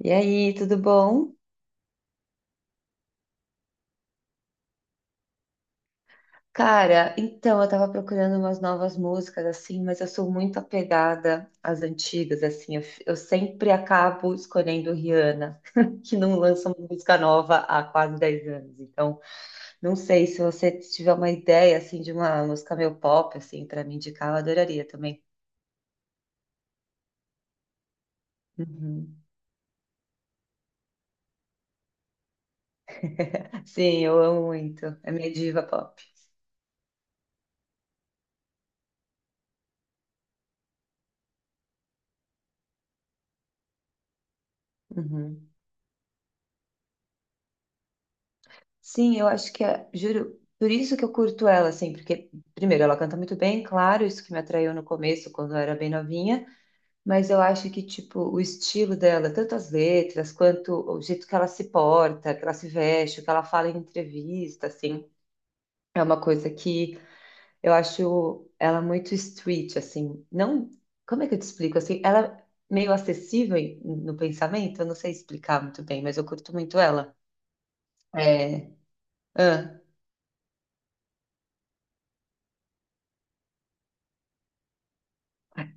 E aí, tudo bom? Cara, então eu tava procurando umas novas músicas assim, mas eu sou muito apegada às antigas assim. Eu sempre acabo escolhendo Rihanna, que não lança uma música nova há quase 10 anos. Então, não sei se você tiver uma ideia assim de uma música meio pop assim para me indicar, eu adoraria também. Uhum. Sim, eu amo muito. É minha diva pop. Uhum. Sim, eu acho que é, juro, por isso que eu curto ela, assim, porque, primeiro, ela canta muito bem, claro, isso que me atraiu no começo, quando eu era bem novinha, mas eu acho que, tipo, o estilo dela, tanto as letras, quanto o jeito que ela se porta, que ela se veste, o que ela fala em entrevista, assim, é uma coisa que eu acho ela muito street, assim, não, como é que eu te explico, assim, ela é meio acessível no pensamento, eu não sei explicar muito bem, mas eu curto muito ela. É, ah.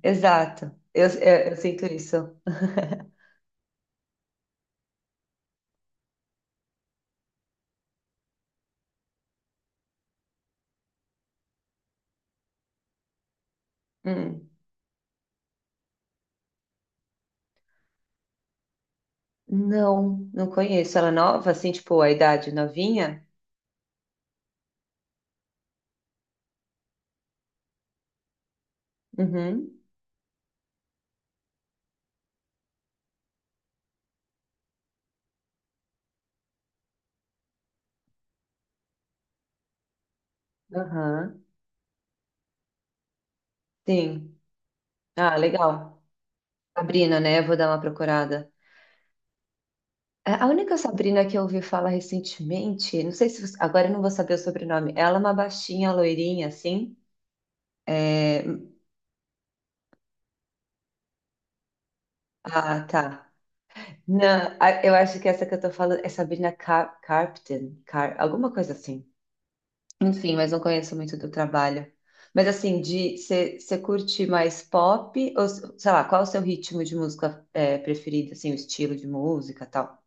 Exato. Eu sinto isso. Hum. Não, não conheço. Ela é nova, assim, tipo, a idade novinha? Uhum. Aham. Sim. Ah, legal. Sabrina, né? Eu vou dar uma procurada. É, a única Sabrina que eu ouvi falar recentemente, não sei se você- agora eu não vou saber o sobrenome. Ela é uma baixinha, loirinha, assim. É, ah, tá. Não, eu acho que essa que eu tô falando é Sabrina Carpenter, Car... alguma coisa assim. Enfim, mas não conheço muito do trabalho. Mas assim, de você curte mais pop, ou sei lá, qual o seu ritmo de música é, preferido, assim, o estilo de música e tal?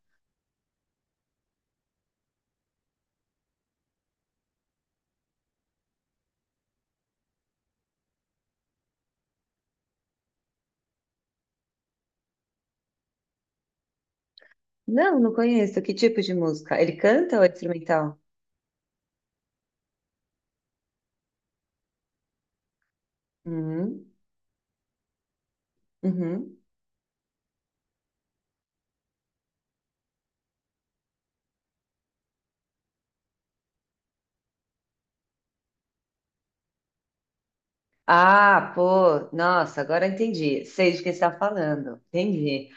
Não, não conheço. Que tipo de música? Ele canta ou é instrumental? Uhum, uhum. Ah, pô, nossa, agora entendi. Sei de quem você está falando. Entendi.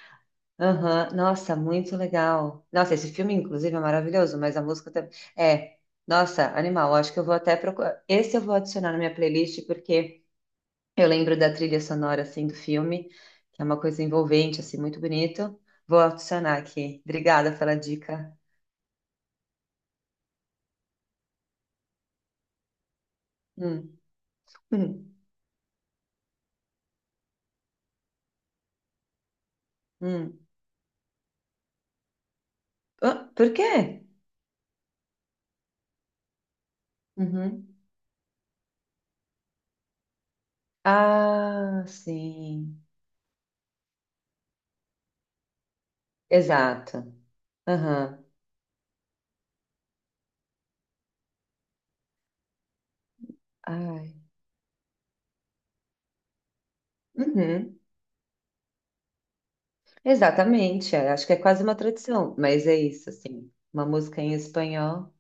Aham, nossa, muito legal. Nossa, esse filme, inclusive, é maravilhoso, mas a música também. É, nossa, animal. Acho que eu vou até procurar. Esse eu vou adicionar na minha playlist, porque. Eu lembro da trilha sonora assim do filme, que é uma coisa envolvente, assim, muito bonito. Vou adicionar aqui. Obrigada pela dica. Hum, hum, hum. Ah, por quê? Uhum. Ah, sim. Exato. Aham. Ai. Uhum. Exatamente. Acho que é quase uma tradição, mas é isso, assim. Uma música em espanhol.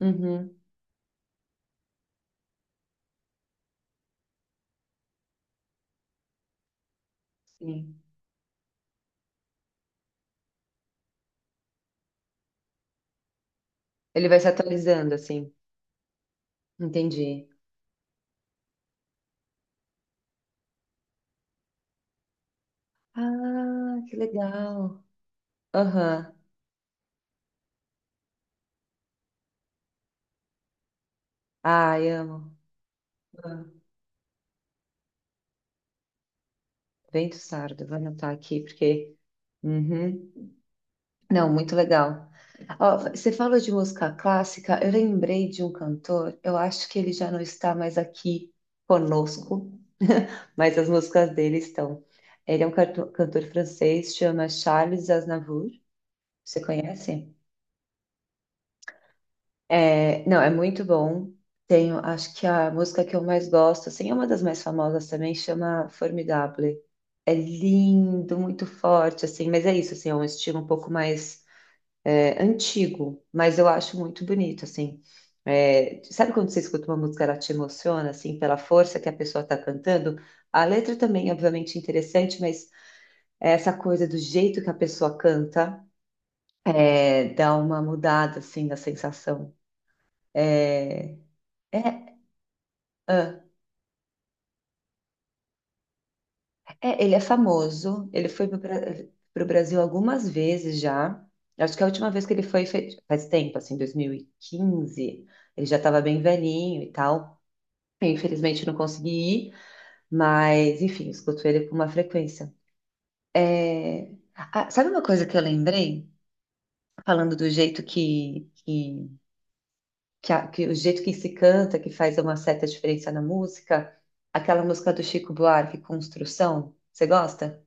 Uhum. Sim. Ele vai se atualizando, assim. Entendi. Ah, que legal. Aham. Ai, amo. Ah, Vento Sardo, vou anotar aqui porque. Uhum. Não, muito legal. Ó, você falou de música clássica, eu lembrei de um cantor, eu acho que ele já não está mais aqui conosco, mas as músicas dele estão. Ele é um cantor francês, chama Charles Aznavour. Você conhece? É, não, é muito bom. Tenho, acho que a música que eu mais gosto, assim, é uma das mais famosas também, chama Formidable. É lindo, muito forte, assim, mas é isso, assim, é um estilo um pouco mais antigo, mas eu acho muito bonito, assim. É, sabe quando você escuta uma música, ela te emociona, assim, pela força que a pessoa está cantando? A letra também, obviamente, é interessante, mas é essa coisa do jeito que a pessoa canta, dá uma mudada, assim, na sensação. É, é, Ah, é, ele é famoso. Ele foi para o Brasil algumas vezes já. Acho que a última vez que ele foi faz tempo, assim, 2015. Ele já estava bem velhinho e tal. Eu, infelizmente não consegui ir, mas enfim, escuto ele com uma frequência. É, ah, sabe uma coisa que eu lembrei? Falando do jeito que o jeito que se canta, que faz uma certa diferença na música, aquela música do Chico Buarque, Construção. Você gosta?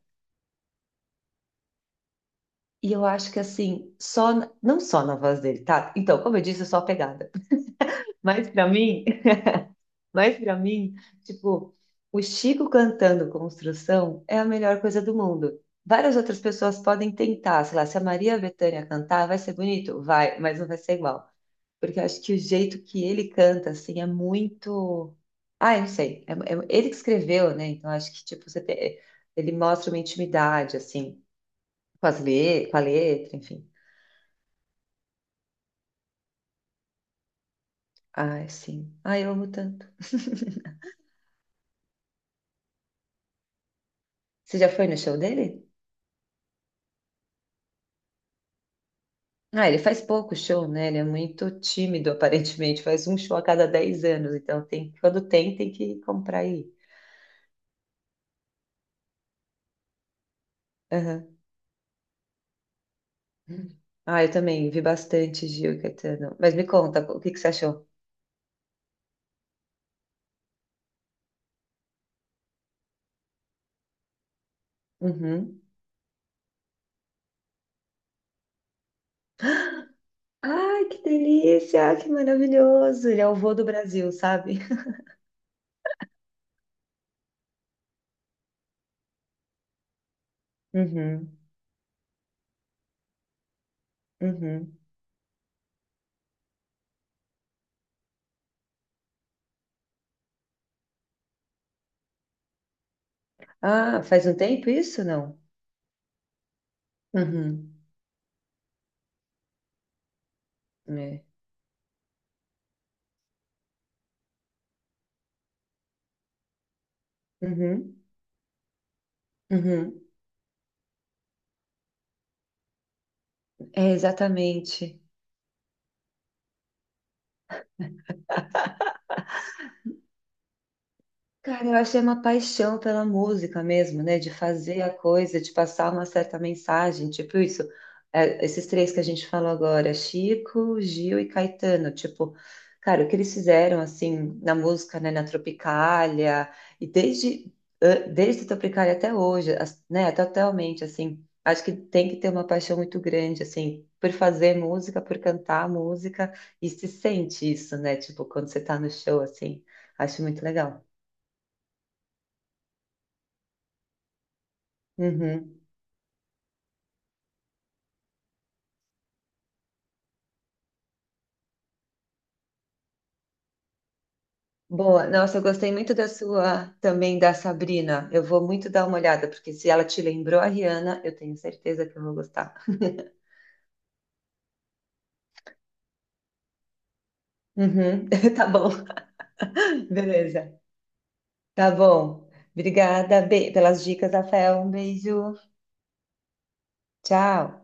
E eu acho que assim, não só na voz dele, tá? Então, como eu disse, eu sou apegada. Mas pra mim, mas para mim, tipo, o Chico cantando Construção é a melhor coisa do mundo. Várias outras pessoas podem tentar, sei lá, se a Maria Bethânia cantar, vai ser bonito? Vai, mas não vai ser igual. Porque eu acho que o jeito que ele canta, assim, é muito. Ah, eu não sei. Ele que escreveu, né? Então, eu acho que, tipo, ele mostra uma intimidade, assim, com as le... com a letra, enfim. Ai, sim. Ai, eu amo tanto. Você já foi no show dele? Ah, ele faz pouco show, né? Ele é muito tímido, aparentemente. Faz um show a cada 10 anos. Então, tem, quando tem, tem que comprar aí. Aham. Ah, eu também vi bastante Gil e Caetano. Mas me conta, o que que você achou? Uhum. Ai, que delícia! Que maravilhoso! Ele é o vô do Brasil, sabe? Uhum, uhum. Ah, faz um tempo isso, não? Uhum. É. Uhum, uhum. É, exatamente. Cara, eu achei uma paixão pela música mesmo, né? De fazer a coisa, de passar uma certa mensagem, tipo isso. É, esses três que a gente falou agora, Chico, Gil e Caetano, tipo, cara, o que eles fizeram assim na música, né? Na Tropicália e desde desde Tropicália até hoje, né? Totalmente assim. Acho que tem que ter uma paixão muito grande assim por fazer música, por cantar música e se sente isso, né? Tipo, quando você tá no show assim, acho muito legal. Uhum. Boa. Nossa, eu gostei muito da sua, também da Sabrina. Eu vou muito dar uma olhada, porque se ela te lembrou a Rihanna, eu tenho certeza que eu vou gostar. Uhum. Tá bom. Beleza. Tá bom. Obrigada, Bê, pelas dicas, Rafael. Um beijo. Tchau.